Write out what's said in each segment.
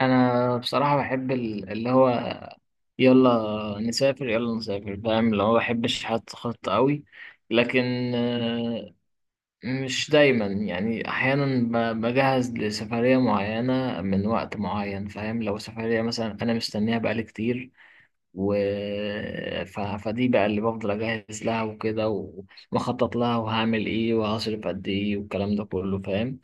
انا بصراحه بحب اللي هو يلا نسافر يلا نسافر فاهم اللي هو ما بحبش احط خطه قوي. لكن آه، مش دايما، يعني احيانا بجهز لسفريه معينه من وقت معين، فاهم؟ لو سفريه مثلا انا مستنيها بقالي كتير و فدي بقى اللي بفضل اجهز لها وكده، ومخطط لها وهعمل ايه وهصرف قد ايه والكلام ده كله، فاهم؟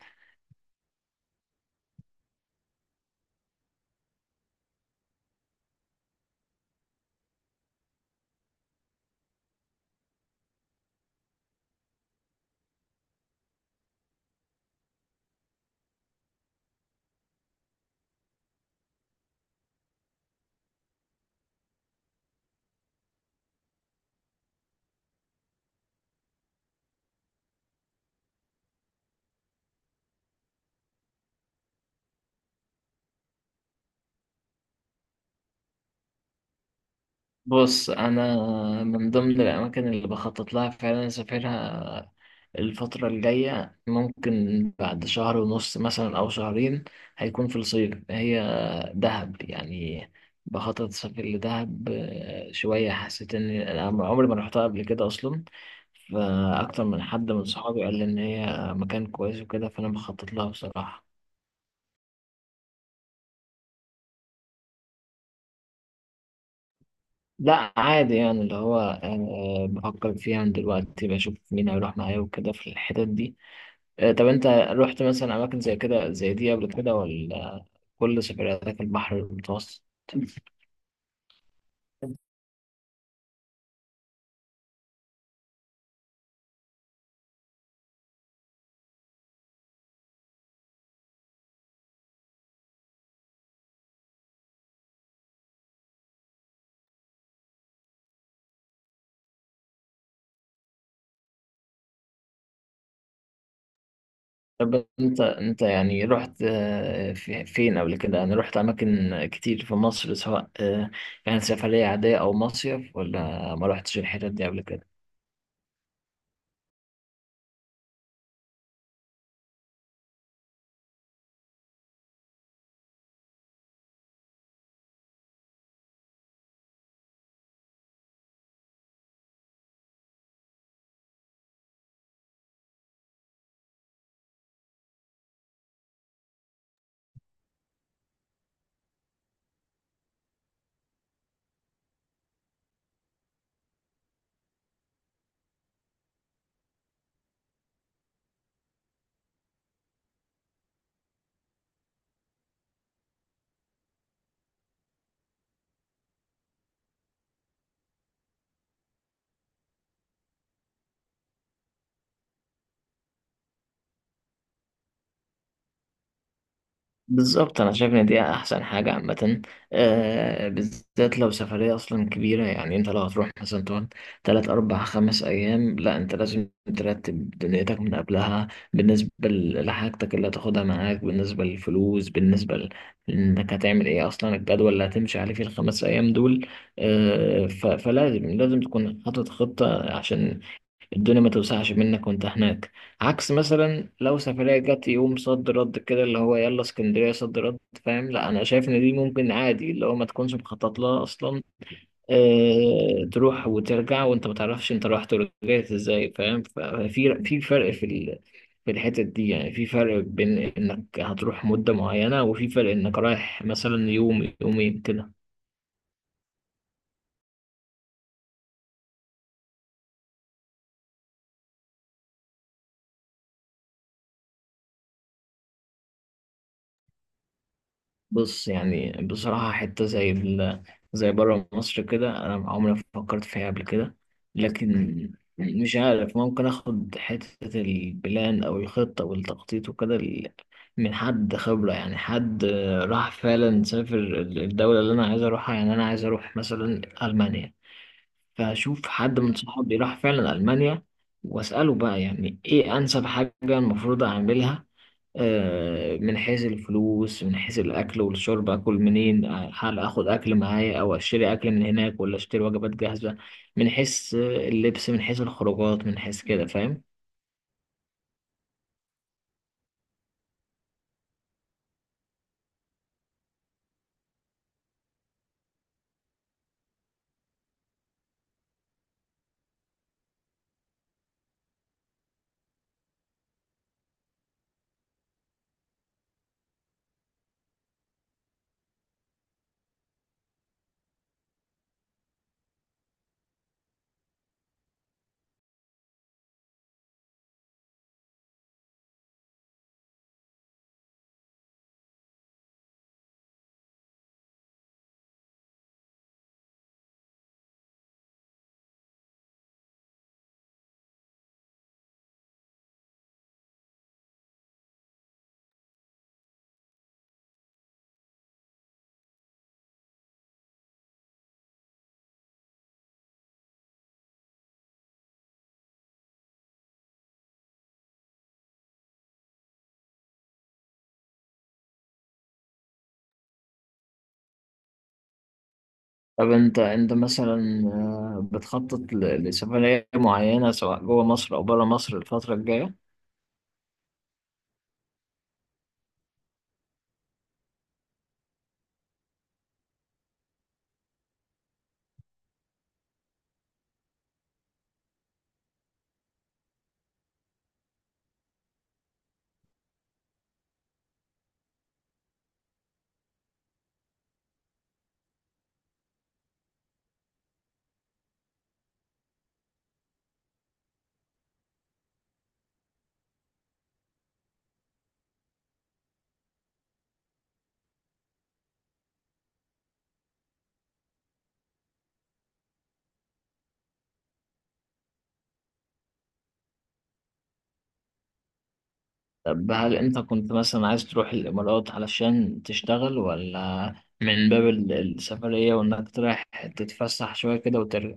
بص انا من ضمن الاماكن اللي بخطط لها فعلا اسافرها الفتره الجايه، ممكن بعد شهر ونص مثلا او شهرين، هيكون في الصيف، هي دهب يعني. بخطط اسافر لدهب شويه، حسيت ان أنا عمري ما رحتها قبل كده اصلا، فاكتر من حد من صحابي قال لي ان هي مكان كويس وكده، فانا بخطط لها بصراحه. لا عادي، يعني اللي هو بفكر فيها من دلوقتي، بشوف مين هيروح معايا وكده في الحتت دي. طب انت رحت مثلا اماكن زي كده زي دي قبل كده ولا كل سفرياتك البحر المتوسط؟ طب انت يعني رحت فين قبل كده؟ يعني رحت اماكن كتير في مصر، سواء كانت سفرية عادية او مصيف، ولا ما رحتش الحتت دي قبل كده؟ بالظبط، انا شايف ان دي احسن حاجه عامه، آه، بالذات لو سفريه اصلا كبيره. يعني انت لو هتروح مثلا تقعد تلات اربع خمس ايام، لا انت لازم ترتب دنيتك من قبلها، بالنسبه لحاجتك اللي هتاخدها معاك، بالنسبه للفلوس، بالنسبه انك هتعمل ايه اصلا، الجدول اللي هتمشي عليه في الخمس ايام دول. آه، فلازم تكون حاطط خطه، عشان الدنيا ما توسعش منك وانت هناك. عكس مثلا لو سفرية جت يوم صد رد كده، اللي هو يلا اسكندرية صد رد. فاهم؟ لا انا شايف ان دي ممكن عادي اللي هو ما تكونش مخطط لها اصلا. اه تروح وترجع وانت ما تعرفش انت رحت ورجعت ازاي، فاهم؟ ففي فرق في في الحتت دي، يعني في فرق بين انك هتروح مدة معينة، وفي فرق انك رايح مثلا يوم يومين كده. بص يعني بصراحة حتة زي زي بره مصر كده أنا عمري ما فكرت فيها قبل كده. لكن مش عارف، ممكن آخد حتة البلان أو الخطة والتخطيط وكده من حد خبرة، يعني حد راح فعلا سافر الدولة اللي أنا عايز أروحها. يعني أنا عايز أروح مثلا ألمانيا، فأشوف حد من صحابي راح فعلا ألمانيا، وأسأله بقى يعني إيه أنسب حاجة المفروض أعملها. من حيث الفلوس، من حيث الأكل والشرب، أكل منين، هل آخد أكل معايا أو أشتري أكل من هناك ولا أشتري وجبات جاهزة، من حيث اللبس، من حيث الخروجات، من حيث كده، فاهم؟ طب أنت مثلا بتخطط لسفرية معينة سواء جوه مصر أو بره مصر الفترة الجاية؟ طب هل أنت كنت مثلا عايز تروح الإمارات علشان تشتغل، ولا من باب السفرية وإنك تروح تتفسح شوية كده وترجع؟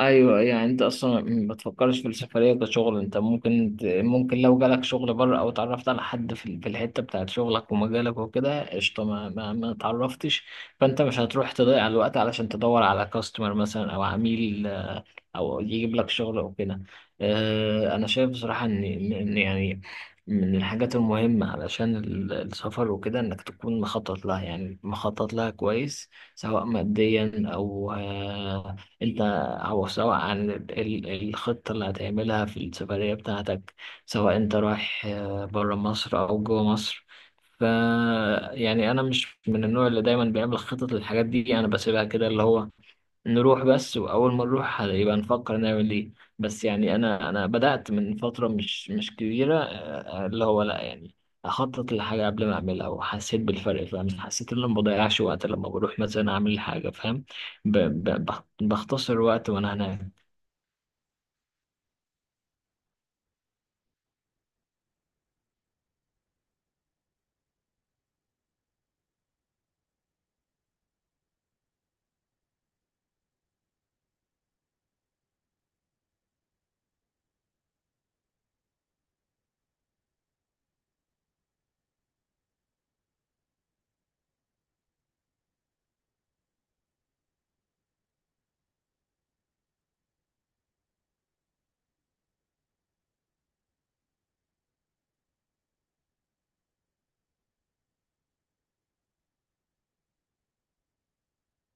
ايوه يعني انت اصلا ما بتفكرش في السفريه كشغل. انت ممكن ممكن لو جالك شغل بره او اتعرفت على حد في في الحته بتاعت شغلك ومجالك وكده قشطه، ما اتعرفتش، فانت مش هتروح تضيع الوقت علشان تدور على كاستمر مثلا او عميل او يجيب لك شغل او كده. انا شايف بصراحه ان إن يعني من الحاجات المهمه علشان السفر وكده انك تكون مخطط لها، يعني مخطط لها كويس، سواء ماديا او آه، انت أو سواء عن الخطة اللي هتعملها في السفرية بتاعتك، سواء أنت رايح برا مصر أو جوا مصر. ف يعني أنا مش من النوع اللي دايما بيعمل خطط للحاجات دي، أنا بسيبها كده اللي هو نروح بس، وأول ما نروح يبقى نفكر نعمل إيه. بس يعني أنا بدأت من فترة مش كبيرة اللي هو لأ يعني أخطط للحاجة قبل ما أعملها، وحسيت بالفرق. فاهم؟ حسيت إن أنا ما بضيعش وقت لما بروح مثلا أعمل حاجة، فاهم؟ بختصر وقت وأنا هناك.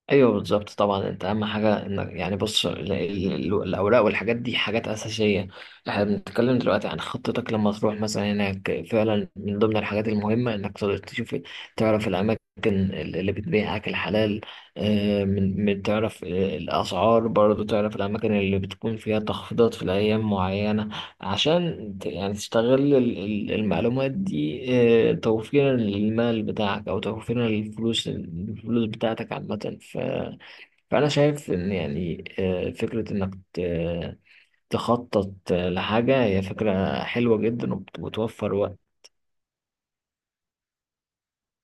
ايوه بالظبط طبعا، انت اهم حاجه انك يعني بص الاوراق والحاجات دي حاجات اساسيه. احنا بنتكلم دلوقتي عن خطتك لما تروح مثلا هناك، فعلا من ضمن الحاجات المهمه انك تقدر تشوف، تعرف الاماكن اللي بتبيع اكل حلال، من تعرف الاسعار، برضو تعرف الاماكن اللي بتكون فيها تخفيضات في الايام معينه، عشان يعني تستغل المعلومات دي، توفيرا للمال بتاعك او توفيرا للفلوس، الفلوس بتاعتك عامة. فانا شايف ان يعني فكرة انك تخطط لحاجة هي فكرة حلوة جدا، وبتوفر وقت.